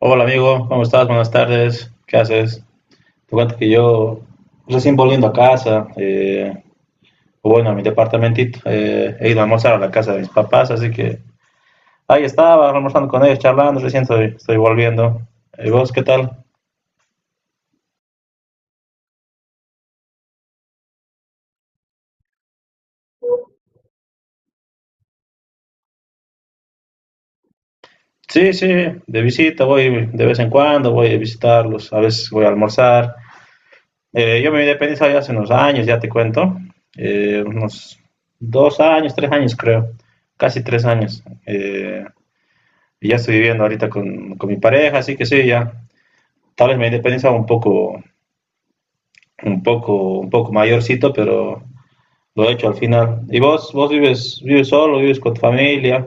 Hola amigo, ¿cómo estás? Buenas tardes, ¿qué haces? Te cuento que yo recién volviendo a casa, o bueno, a mi departamentito, he ido a almorzar a la casa de mis papás, así que ahí estaba almorzando con ellos, charlando, recién estoy volviendo. ¿Y vos qué tal? Sí, sí, de visita voy de vez en cuando, voy a visitarlos, a veces voy a almorzar. Yo me independicé ya hace unos años, ya te cuento, unos 2 años, 3 años creo, casi 3 años. Y ya estoy viviendo ahorita con mi pareja, así que sí, ya. Tal vez me independizaba un poco, un poco mayorcito, pero lo he hecho al final. ¿Y vos vives solo, vives con tu familia?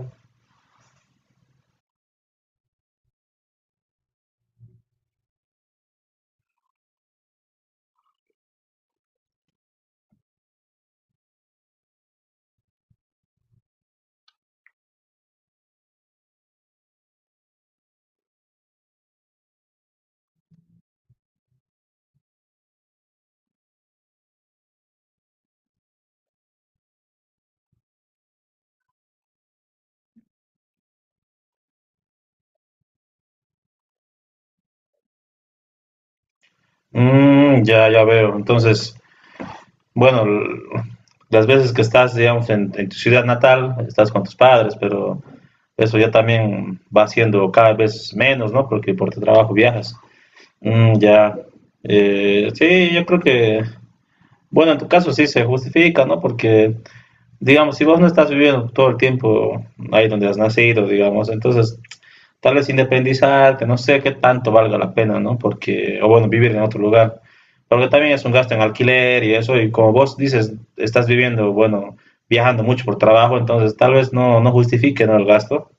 Mm, ya, ya veo. Entonces, bueno, las veces que estás, digamos, en tu ciudad natal, estás con tus padres, pero eso ya también va siendo cada vez menos, ¿no? Porque por tu trabajo viajas. Mm, ya. Sí, yo creo que. Bueno, en tu caso sí se justifica, ¿no? Porque, digamos, si vos no estás viviendo todo el tiempo ahí donde has nacido, digamos, entonces tal vez independizarte, no sé qué tanto valga la pena, ¿no? Porque, o bueno, vivir en otro lugar, porque también es un gasto en alquiler y eso, y como vos dices, estás viviendo, bueno, viajando mucho por trabajo, entonces tal vez no justifique, ¿no? El gasto.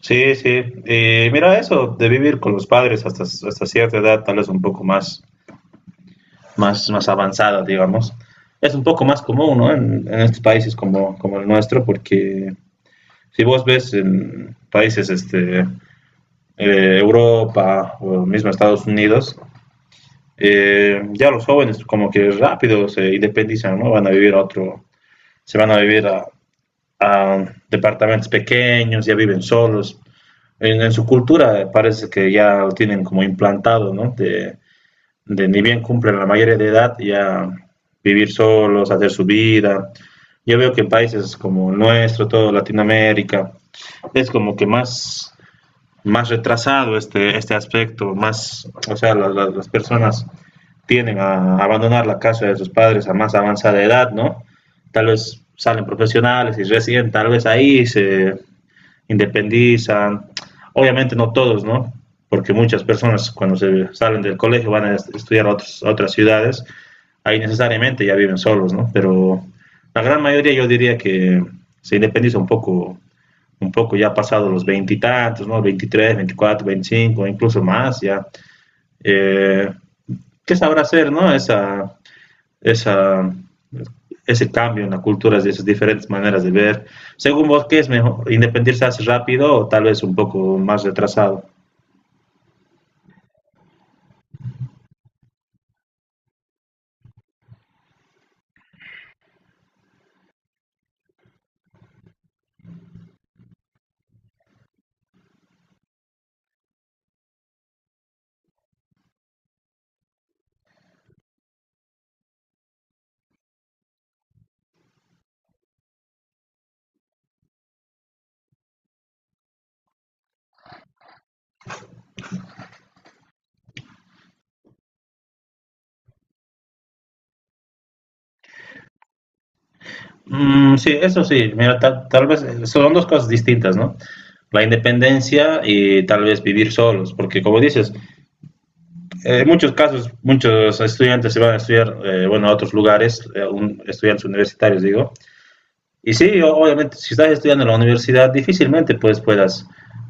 Sí, sí. Y mira, eso de vivir con los padres hasta cierta edad, tal vez un poco más avanzada, digamos. Es un poco más común, ¿no? En estos países como el nuestro, porque si vos ves en países este, Europa o mismo Estados Unidos, ya los jóvenes como que rápido se independizan, ¿no? van a vivir a otro, se van a vivir a departamentos pequeños, ya viven solos. En su cultura parece que ya lo tienen como implantado, ¿no? De ni bien cumplen la mayoría de edad ya vivir solos, hacer su vida. Yo veo que en países como el nuestro, todo Latinoamérica, es como que más, más retrasado este aspecto, más, o sea, las personas tienden a abandonar la casa de sus padres a más avanzada edad, ¿no? Tal vez salen profesionales y recién, tal vez ahí se independizan. Obviamente no todos, ¿no? Porque muchas personas cuando se salen del colegio van a estudiar a otras ciudades, ahí necesariamente ya viven solos, ¿no? Pero la gran mayoría yo diría que se independiza un poco, ya pasado los veintitantos, ¿no? 23, 24, 25, incluso más, ya. Eh, ¿Qué sabrá hacer, no? Esa, ese cambio en la cultura, de esas diferentes maneras de ver. Según vos, ¿qué es mejor? ¿Independizarse rápido o tal vez un poco más retrasado? Mm, sí, eso sí, mira, tal vez son dos cosas distintas, ¿no? La independencia y tal vez vivir solos, porque como dices, en muchos casos muchos estudiantes se van a estudiar, bueno, a otros lugares, estudiantes universitarios digo. Y sí, obviamente, si estás estudiando en la universidad, difícilmente pues, puedas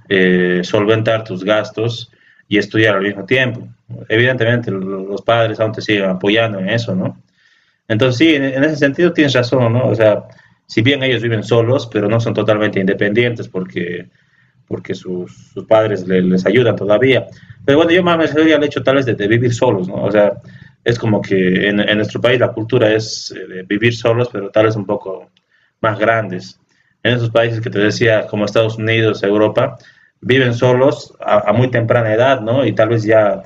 solventar tus gastos y estudiar al mismo tiempo. Evidentemente, los padres aún te siguen apoyando en eso, ¿no? Entonces, sí, en ese sentido tienes razón, ¿no? O sea, si bien ellos viven solos, pero no son totalmente independientes, porque sus padres les ayudan todavía. Pero bueno, yo más me al hecho tal vez de, vivir solos, ¿no? O sea, es como que en nuestro país la cultura es de vivir solos, pero tal vez un poco más grandes. En esos países que te decía, como Estados Unidos, Europa, viven solos a muy temprana edad, ¿no? Y tal vez ya,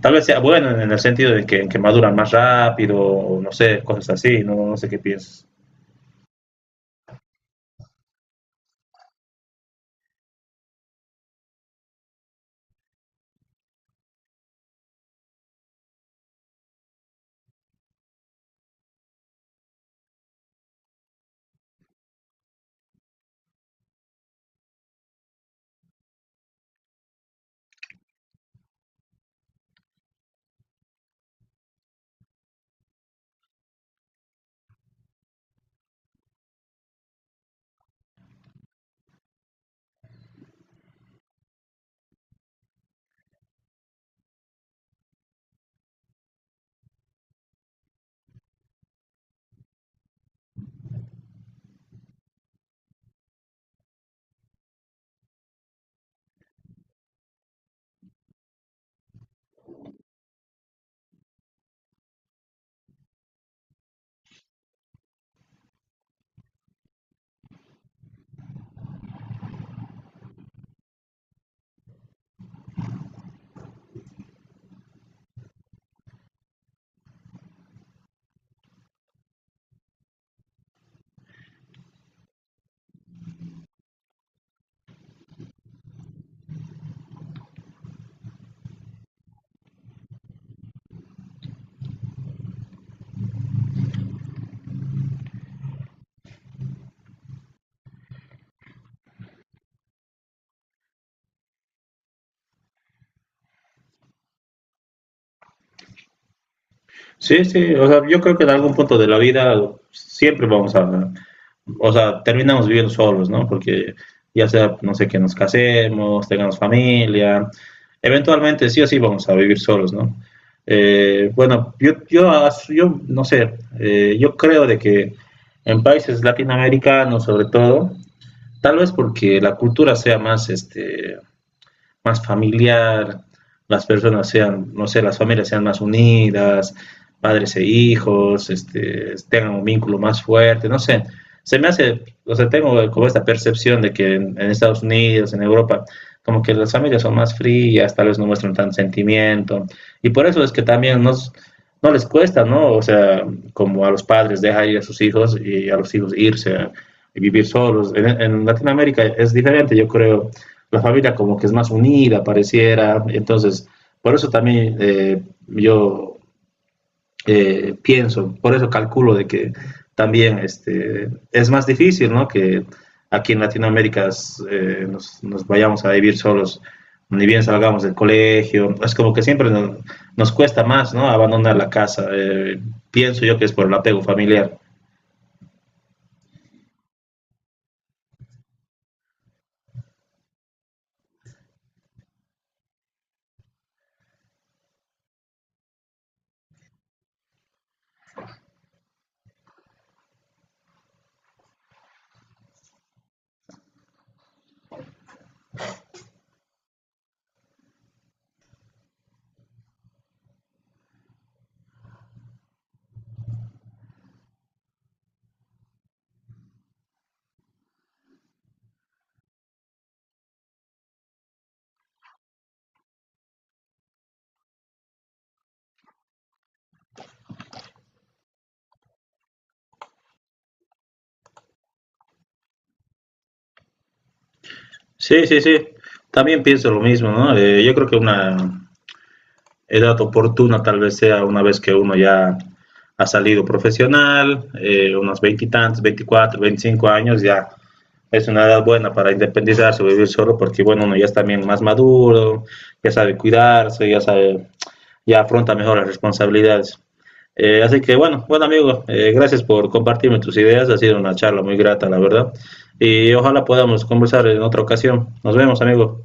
tal vez sea bueno en el sentido de que maduran más rápido, o no sé, cosas así, no, no sé qué piensas. Sí, sí, o sea, yo creo que en algún punto de la vida siempre vamos a, o sea, terminamos viviendo solos, ¿no? Porque ya sea, no sé, que nos casemos, tengamos familia, eventualmente sí o sí vamos a vivir solos, ¿no? Bueno, yo no sé, yo creo de que en países latinoamericanos sobre todo, tal vez porque la cultura sea más, más familiar, las personas sean, no sé, las familias sean más unidas, padres e hijos, tengan un vínculo más fuerte, no sé. Se me hace, o sea, tengo como esta percepción de que en Estados Unidos, en Europa, como que las familias son más frías, tal vez no muestran tanto sentimiento. Y por eso es que también no les cuesta, ¿no? O sea, como a los padres dejar ir a sus hijos y a los hijos irse y vivir solos. En Latinoamérica es diferente, yo creo, la familia como que es más unida, pareciera. Entonces, por eso también yo pienso, por eso calculo de que también es más difícil, ¿no? Que aquí en Latinoamérica vayamos a vivir solos, ni bien salgamos del colegio. Es como que siempre nos cuesta más, ¿no? Abandonar la casa. Pienso yo que es por el apego familiar. Sí, sí, sí. También pienso lo mismo, ¿no? Yo creo que edad oportuna tal vez sea una vez que uno ya ha salido profesional, unos veintitantos, 24, 25 años, ya es una edad buena para independizarse, vivir solo, porque bueno, uno ya es también más maduro, ya sabe cuidarse, ya afronta mejor las responsabilidades. Así que bueno, bueno amigo, gracias por compartirme tus ideas, ha sido una charla muy grata, la verdad, y ojalá podamos conversar en otra ocasión. Nos vemos, amigo.